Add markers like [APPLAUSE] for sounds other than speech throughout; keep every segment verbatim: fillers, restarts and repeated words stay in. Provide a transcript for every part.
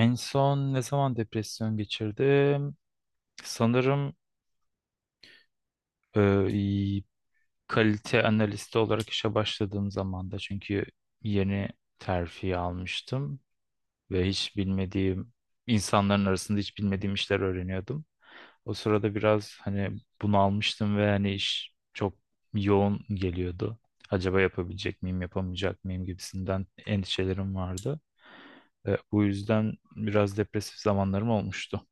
En son ne zaman depresyon geçirdim? Sanırım e, iyi- kalite analisti olarak işe başladığım zamanda, çünkü yeni terfi almıştım ve hiç bilmediğim insanların arasında hiç bilmediğim işler öğreniyordum. O sırada biraz hani bunu almıştım ve hani iş çok yoğun geliyordu. Acaba yapabilecek miyim, yapamayacak mıyım gibisinden endişelerim vardı. E, bu yüzden biraz depresif zamanlarım olmuştu.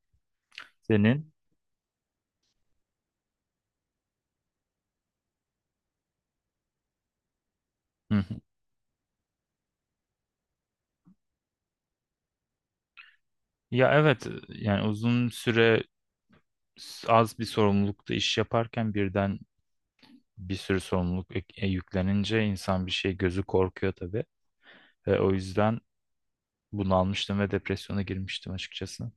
Senin? [LAUGHS] Ya evet, yani uzun süre s- az bir sorumlulukta iş yaparken birden bir sürü sorumluluk ek- e, yüklenince insan bir şey gözü korkuyor tabii. Ve o yüzden bunu almıştım ve depresyona girmiştim açıkçası.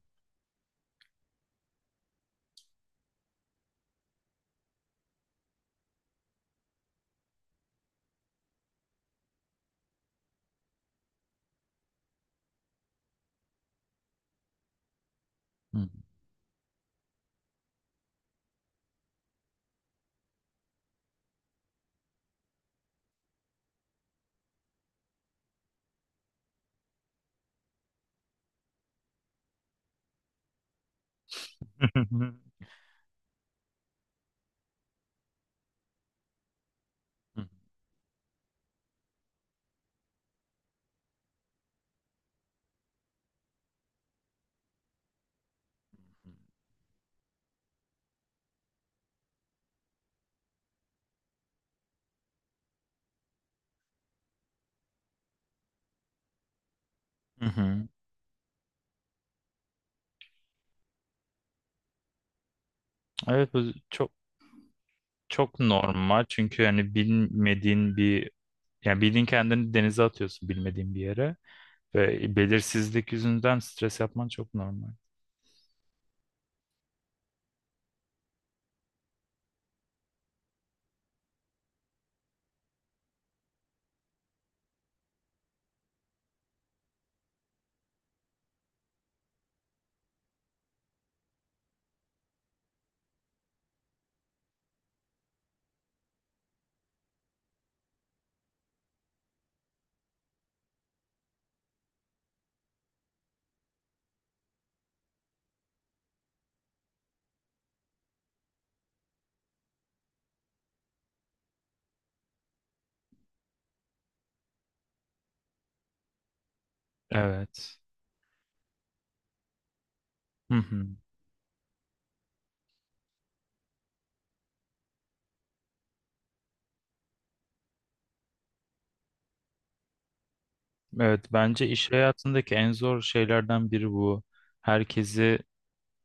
Hı. [LAUGHS] Hı hı. Evet, bu çok çok normal. Çünkü yani bilmediğin bir, yani bildiğin kendini denize atıyorsun bilmediğin bir yere ve belirsizlik yüzünden stres yapman çok normal. Evet. Hı hı. Evet, bence iş hayatındaki en zor şeylerden biri bu. Herkesi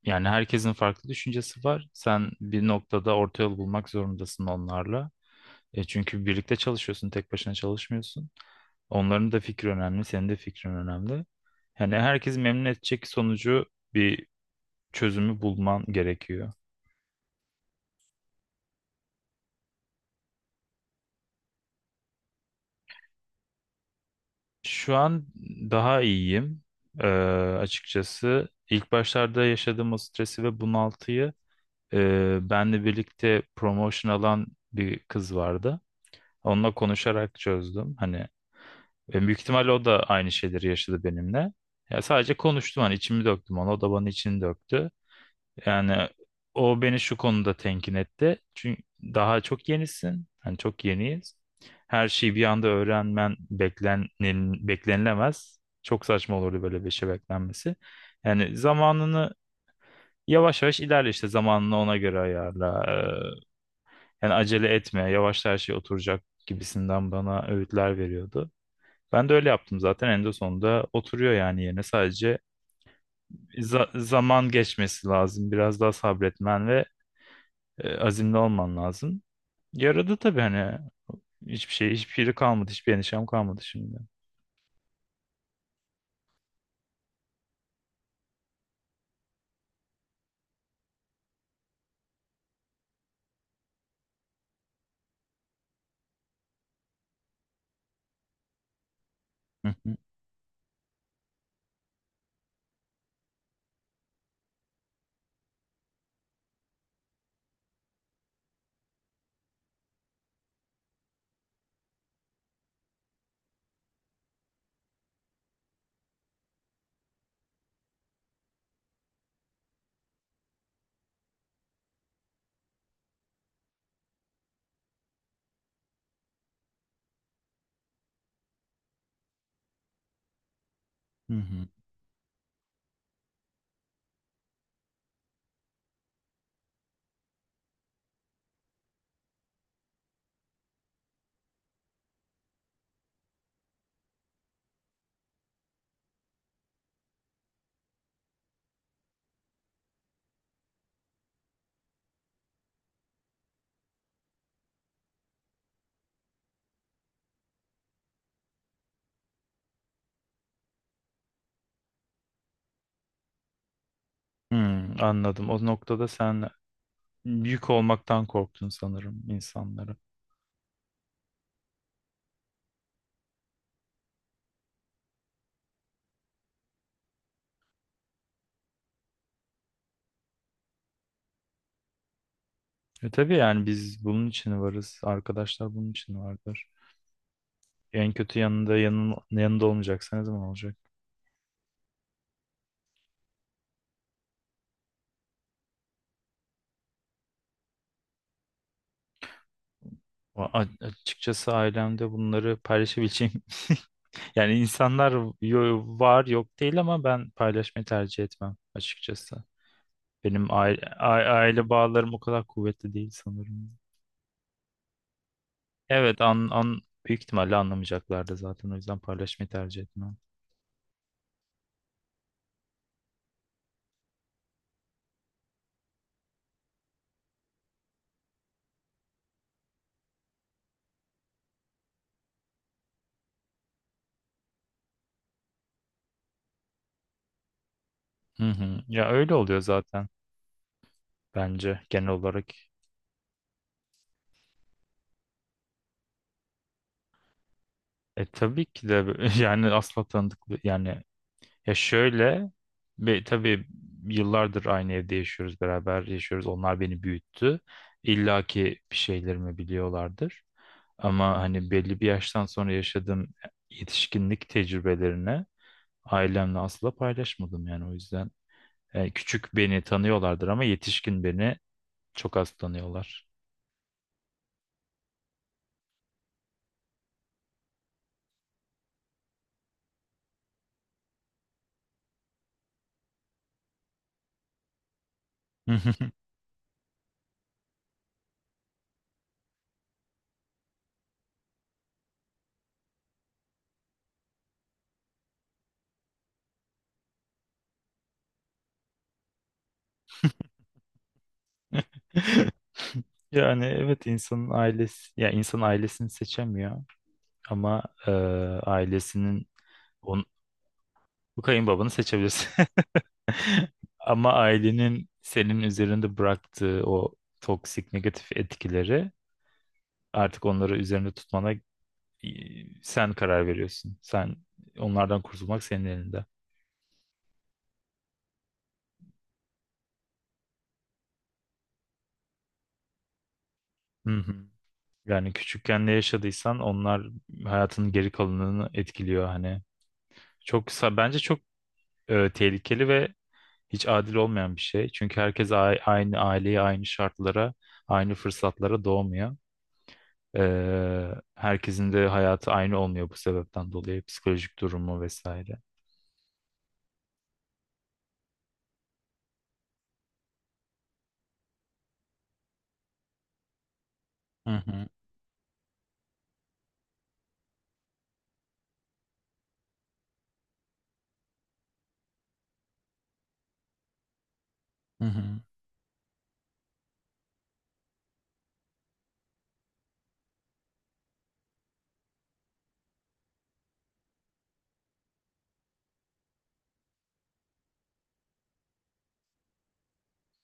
Yani herkesin farklı düşüncesi var. Sen bir noktada orta yol bulmak zorundasın onlarla. E çünkü birlikte çalışıyorsun, tek başına çalışmıyorsun. Onların da fikri önemli, senin de fikrin önemli. Yani herkes memnun edecek sonucu, bir çözümü bulman gerekiyor. Şu an daha iyiyim. Ee, Açıkçası ilk başlarda yaşadığım o stresi ve bunaltıyı, e, benle birlikte promotion alan bir kız vardı. Onunla konuşarak çözdüm. Hani, ve büyük ihtimalle o da aynı şeyleri yaşadı benimle. Ya sadece konuştum, hani içimi döktüm ona, o da bana içini döktü. Yani o beni şu konuda tenkin etti. Çünkü daha çok yenisin, hani çok yeniyiz. Her şeyi bir anda öğrenmen beklenen- beklenilemez. Çok saçma olurdu böyle bir şey beklenmesi. Yani zamanını, yavaş yavaş ilerle işte, zamanını ona göre ayarla. Ee, Yani acele etme, yavaş her şey oturacak gibisinden bana öğütler veriyordu. Ben de öyle yaptım zaten, en de sonunda oturuyor yani yerine. Sadece za- zaman geçmesi lazım, biraz daha sabretmen ve e, azimli olman lazım. Yaradı tabii, hani hiçbir şey, hiçbir şey kalmadı, hiçbir endişem kalmadı şimdi. Hı hı, hı hı. Hmm, anladım, o noktada sen yük olmaktan korktun sanırım insanlara. E tabii, yani biz bunun için varız, arkadaşlar bunun için vardır. En kötü yanında, yanın, yanında olmayacaksa ne zaman olacak? O- a- Açıkçası ailemde bunları paylaşabileceğim. [LAUGHS] Yani insanlar, yo- var, yok değil, ama ben paylaşmayı tercih etmem açıkçası. Benim aile, aile bağlarım o kadar kuvvetli değil sanırım. Evet, an, an büyük ihtimalle anlamayacaklardı zaten, o yüzden paylaşmayı tercih etmem. Hı hı. Ya öyle oluyor zaten, bence genel olarak. E tabii ki de, [LAUGHS] yani asla tanıdık, yani ya şöyle, ve tabii yıllardır aynı evde yaşıyoruz, beraber yaşıyoruz. Onlar beni büyüttü. İlla ki bir şeylerimi biliyorlardır. Ama hani belli bir yaştan sonra yaşadığım yetişkinlik tecrübelerini ailemle asla paylaşmadım yani, o yüzden. Yani küçük beni tanıyorlardır ama yetişkin beni çok az tanıyorlar. [LAUGHS] Yani evet, insanın ailesi, ya insan ailesini seçemiyor ama e, ailesinin on, bu kayınbabanı seçebilirsin. [LAUGHS] Ama ailenin senin üzerinde bıraktığı o toksik, negatif etkileri, artık onları üzerinde tutmana, e, sen karar veriyorsun. Sen onlardan kurtulmak senin elinde. Hı hı. Yani küçükken ne yaşadıysan onlar hayatının geri kalanını etkiliyor hani. Çok sa- bence çok e, tehlikeli ve hiç adil olmayan bir şey. Çünkü herkes a- aynı aileye, aynı şartlara, aynı fırsatlara doğmuyor. Ee, herkesin de hayatı aynı olmuyor bu sebepten dolayı, psikolojik durumu vesaire. Hı hı, hı hı.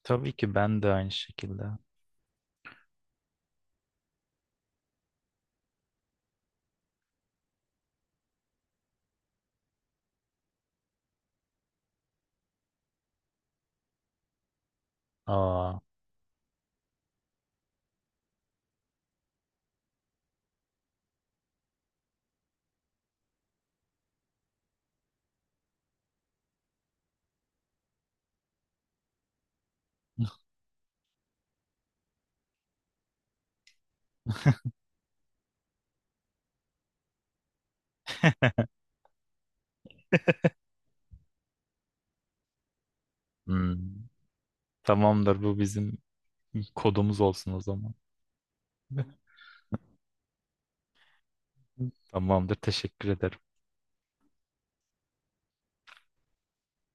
Tabii ki ben de aynı şekilde. Aa. Hmm. Tamamdır, bu bizim kodumuz olsun o zaman. [LAUGHS] Tamamdır, teşekkür ederim.